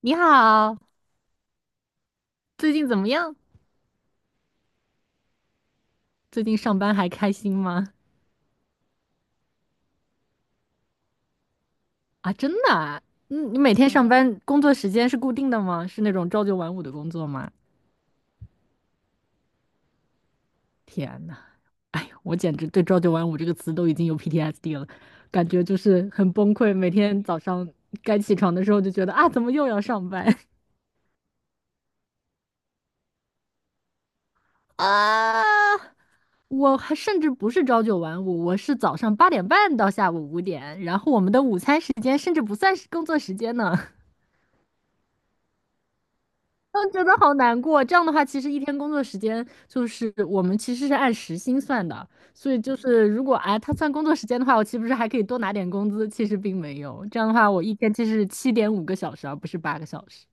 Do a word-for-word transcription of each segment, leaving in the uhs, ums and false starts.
你好，最近怎么样？最近上班还开心吗？啊，真的啊？嗯，你每天上嗯班工作时间是固定的吗？是那种朝九晚五的工作吗？天呐，哎呀我简直对"朝九晚五"这个词都已经有 P T S D 了，感觉就是很崩溃。每天早上该起床的时候就觉得啊，怎么又要上班 啊？我还甚至不是朝九晚五，我是早上八点半到下午五点，然后我们的午餐时间甚至不算是工作时间呢。我觉得好难过。这样的话，其实一天工作时间就是我们其实是按时薪算的，所以就是如果哎他算工作时间的话，我岂不是还可以多拿点工资？其实并没有。这样的话，我一天其实是七点五个小时啊，而不是八个小时。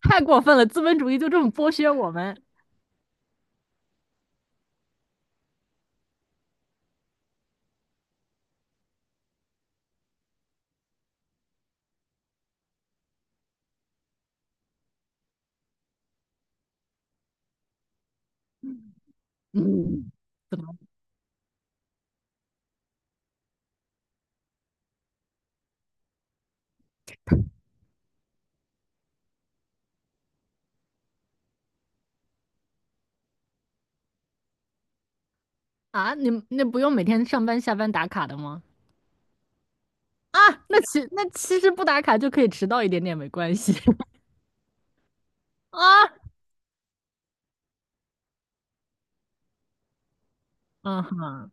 太过分了，资本主义就这么剥削我们。嗯，怎么啊？你们那不用每天上班下班打卡的吗？啊，那其那其实不打卡就可以迟到一点点没关系 啊。嗯哼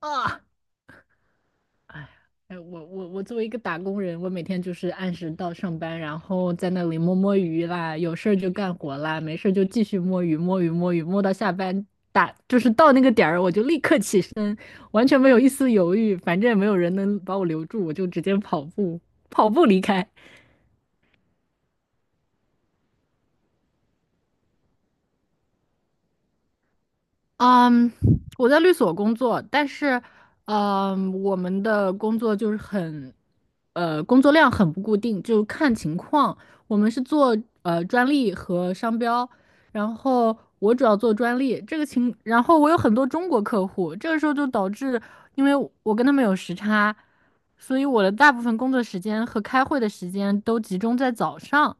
啊。哎，我我我作为一个打工人，我每天就是按时到上班，然后在那里摸摸鱼啦，有事儿就干活啦，没事儿就继续摸鱼摸鱼摸鱼，摸到下班打，就是到那个点儿我就立刻起身，完全没有一丝犹豫，反正也没有人能把我留住，我就直接跑步跑步离开。嗯，我在律所工作，但是，嗯，我们的工作就是很，呃，工作量很不固定，就看情况。我们是做呃专利和商标，然后我主要做专利，这个情，然后我有很多中国客户，这个时候就导致，因为我跟他们有时差，所以我的大部分工作时间和开会的时间都集中在早上，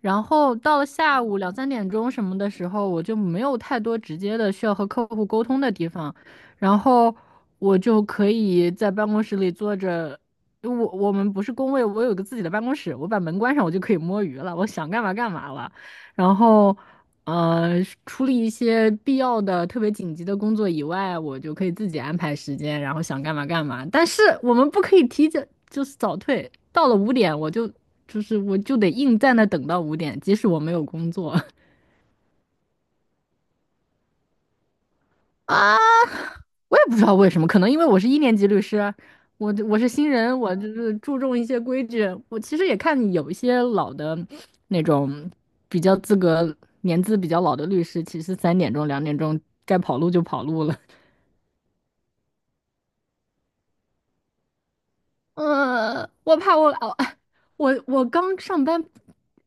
然后到了下午两三点钟什么的时候，我就没有太多直接的需要和客户沟通的地方，然后我就可以在办公室里坐着。因为我我们不是工位，我有个自己的办公室，我把门关上，我就可以摸鱼了，我想干嘛干嘛了。然后呃，处理一些必要的、特别紧急的工作以外，我就可以自己安排时间，然后想干嘛干嘛。但是我们不可以提前，就是早退。到了五点，我就就是我就得硬在那等到五点，即使我没有工作 啊。我也不知道为什么，可能因为我是一年级律师，我我是新人，我就是注重一些规矩。我其实也看有一些老的那种比较资格、年资比较老的律师，其实三点钟、两点钟该跑路就跑路了。呃，我怕我哦，我我刚上班，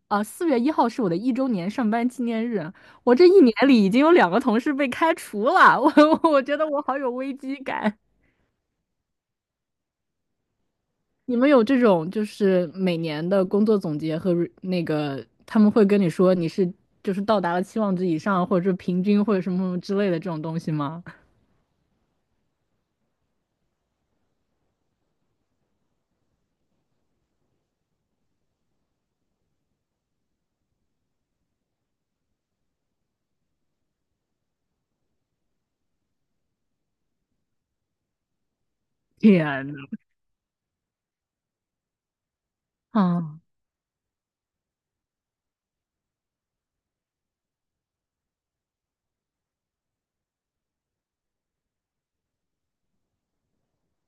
啊，呃四月一号是我的一周年上班纪念日，我这一年里已经有两个同事被开除了，我我觉得我好有危机感。你们有这种就是每年的工作总结和 re- 那个他们会跟你说你是就是到达了期望值以上，或者是平均或者什么什么之类的这种东西吗？天呐，啊，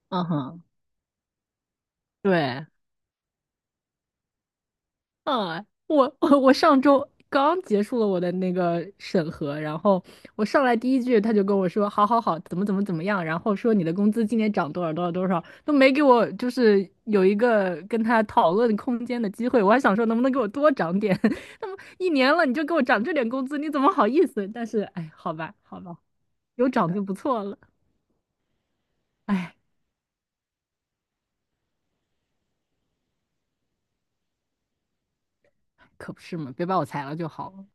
啊哈对。啊，我 我上周刚结束了我的那个审核，然后我上来第一句他就跟我说，好好好，怎么怎么怎么样，然后说你的工资今年涨多少多少多少，都没给我就是有一个跟他讨论空间的机会，我还想说能不能给我多涨点，那么一年了你就给我涨这点工资，你怎么好意思？但是哎，好吧好吧，有涨就不错了，哎，可不是嘛，别把我裁了就好了。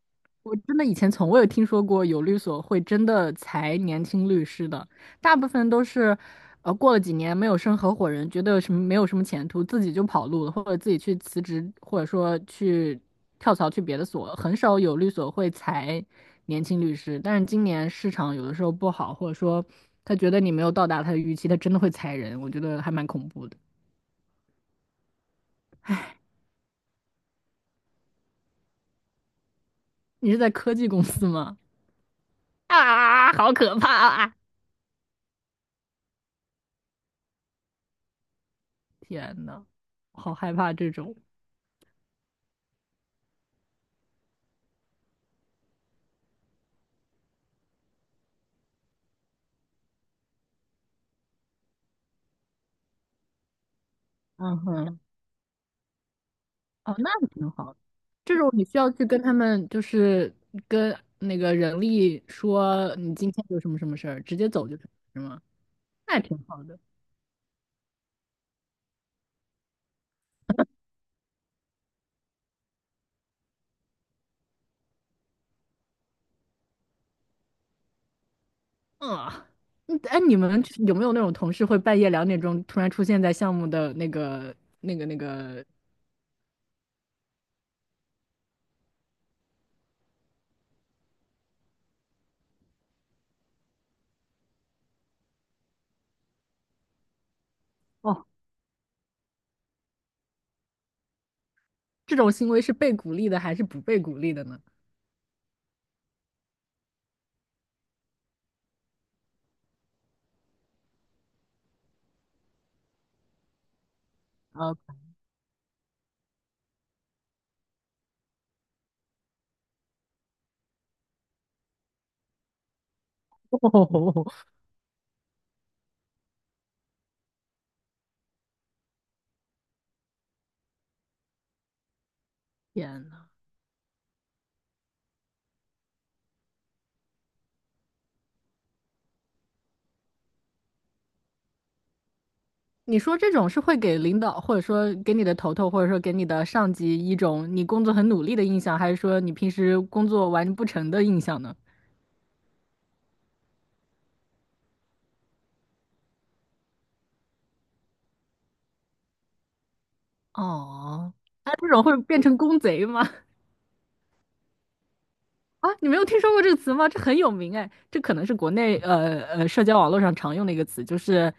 我真的以前从未有听说过有律所会真的裁年轻律师的，大部分都是，呃，过了几年没有升合伙人，觉得什么没有什么前途，自己就跑路了，或者自己去辞职，或者说去跳槽去别的所，很少有律所会裁年轻律师。但是今年市场有的时候不好，或者说他觉得你没有到达他的预期，他真的会裁人，我觉得还蛮恐怖的。你是在科技公司吗？啊，好可怕啊！天呐，好害怕这种。嗯哼。哦，那挺好。这种你需要去跟他们，就是跟那个人力说你今天有什么什么事儿，直接走就是是吗？那也挺好的。啊，嗯，哎，你们有没有那种同事会半夜两点钟突然出现在项目的那个、那个、那个？哦，这种行为是被鼓励的还是不被鼓励的呢？啊，哦，天呐！你说这种是会给领导，或者说给你的头头，或者说给你的上级一种你工作很努力的印象，还是说你平时工作完不成的印象呢？哦，那这种会变成工贼吗？啊，你没有听说过这个词吗？这很有名哎，这可能是国内呃呃社交网络上常用的一个词，就是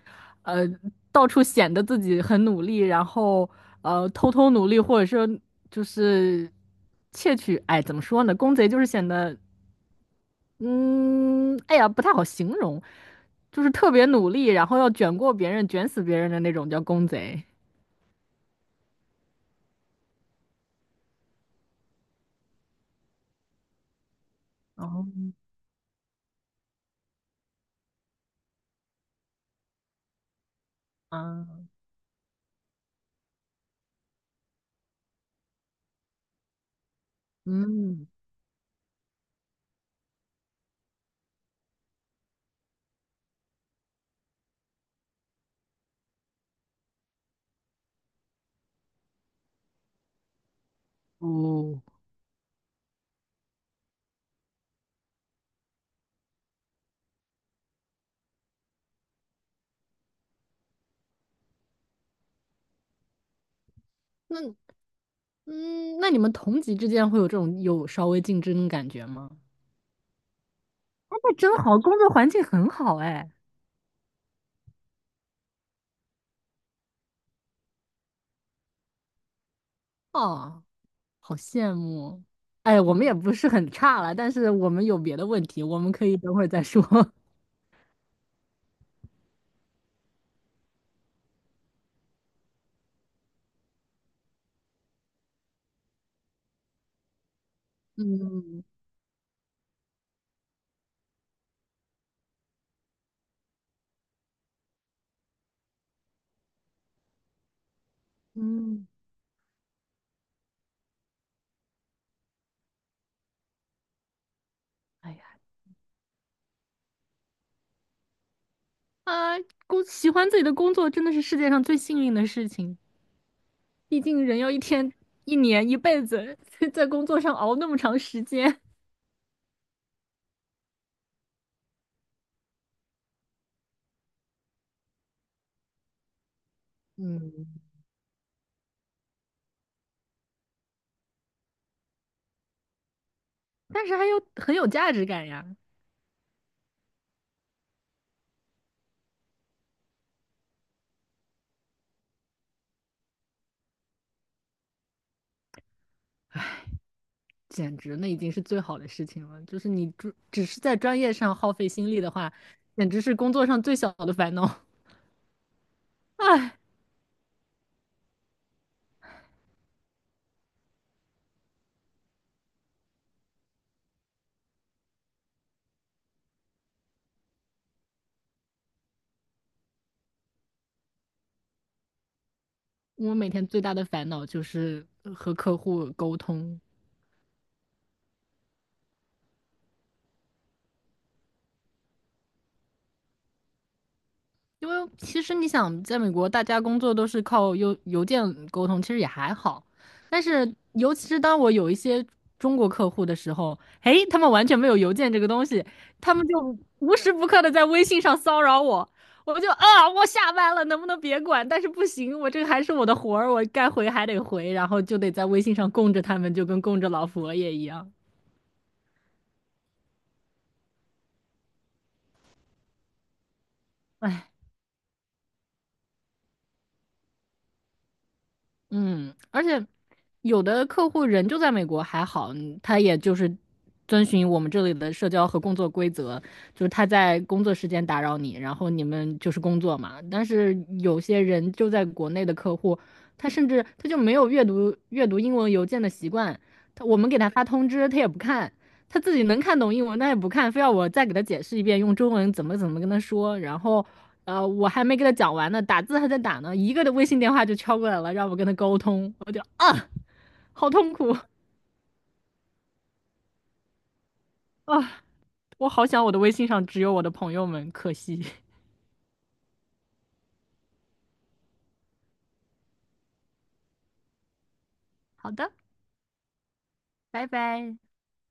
呃到处显得自己很努力，然后呃偷偷努力，或者说就是窃取，哎，怎么说呢？工贼就是显得嗯，哎呀，不太好形容，就是特别努力，然后要卷过别人、卷死别人的那种，叫公贼。啊，嗯，哦，那嗯，那你们同级之间会有这种有稍微竞争的感觉吗？那真好，工作环境很好，哎。哦，好羡慕。哎，我们也不是很差了，但是我们有别的问题，我们可以等会儿再说。嗯嗯，哎呀，啊，工喜欢自己的工作真的是世界上最幸运的事情。毕竟人要一天、一年、一辈子 在工作上熬那么长时间，嗯，但是还有很有价值感呀，简直那已经是最好的事情了。就是你只只是在专业上耗费心力的话，简直是工作上最小的烦恼。唉，我每天最大的烦恼就是和客户沟通，因为其实你想，在美国大家工作都是靠邮邮件沟通，其实也还好。但是，尤其是当我有一些中国客户的时候，诶，他们完全没有邮件这个东西，他们就无时不刻的在微信上骚扰我，我就啊，我下班了，能不能别管？但是不行，我这个还是我的活儿，我该回还得回，然后就得在微信上供着他们，就跟供着老佛爷一样。嗯，而且有的客户人就在美国还好，嗯他也就是遵循我们这里的社交和工作规则，就是他在工作时间打扰你，然后你们就是工作嘛。但是有些人就在国内的客户，他甚至他就没有阅读阅读英文邮件的习惯，他我们给他发通知，他也不看，他自己能看懂英文，他也不看，非要我再给他解释一遍，用中文怎么怎么跟他说，然后。呃，我还没给他讲完呢，打字还在打呢，一个的微信电话就敲过来了，让我跟他沟通，我就啊，好痛苦啊，我好想我的微信上只有我的朋友们，可惜。好的，拜拜。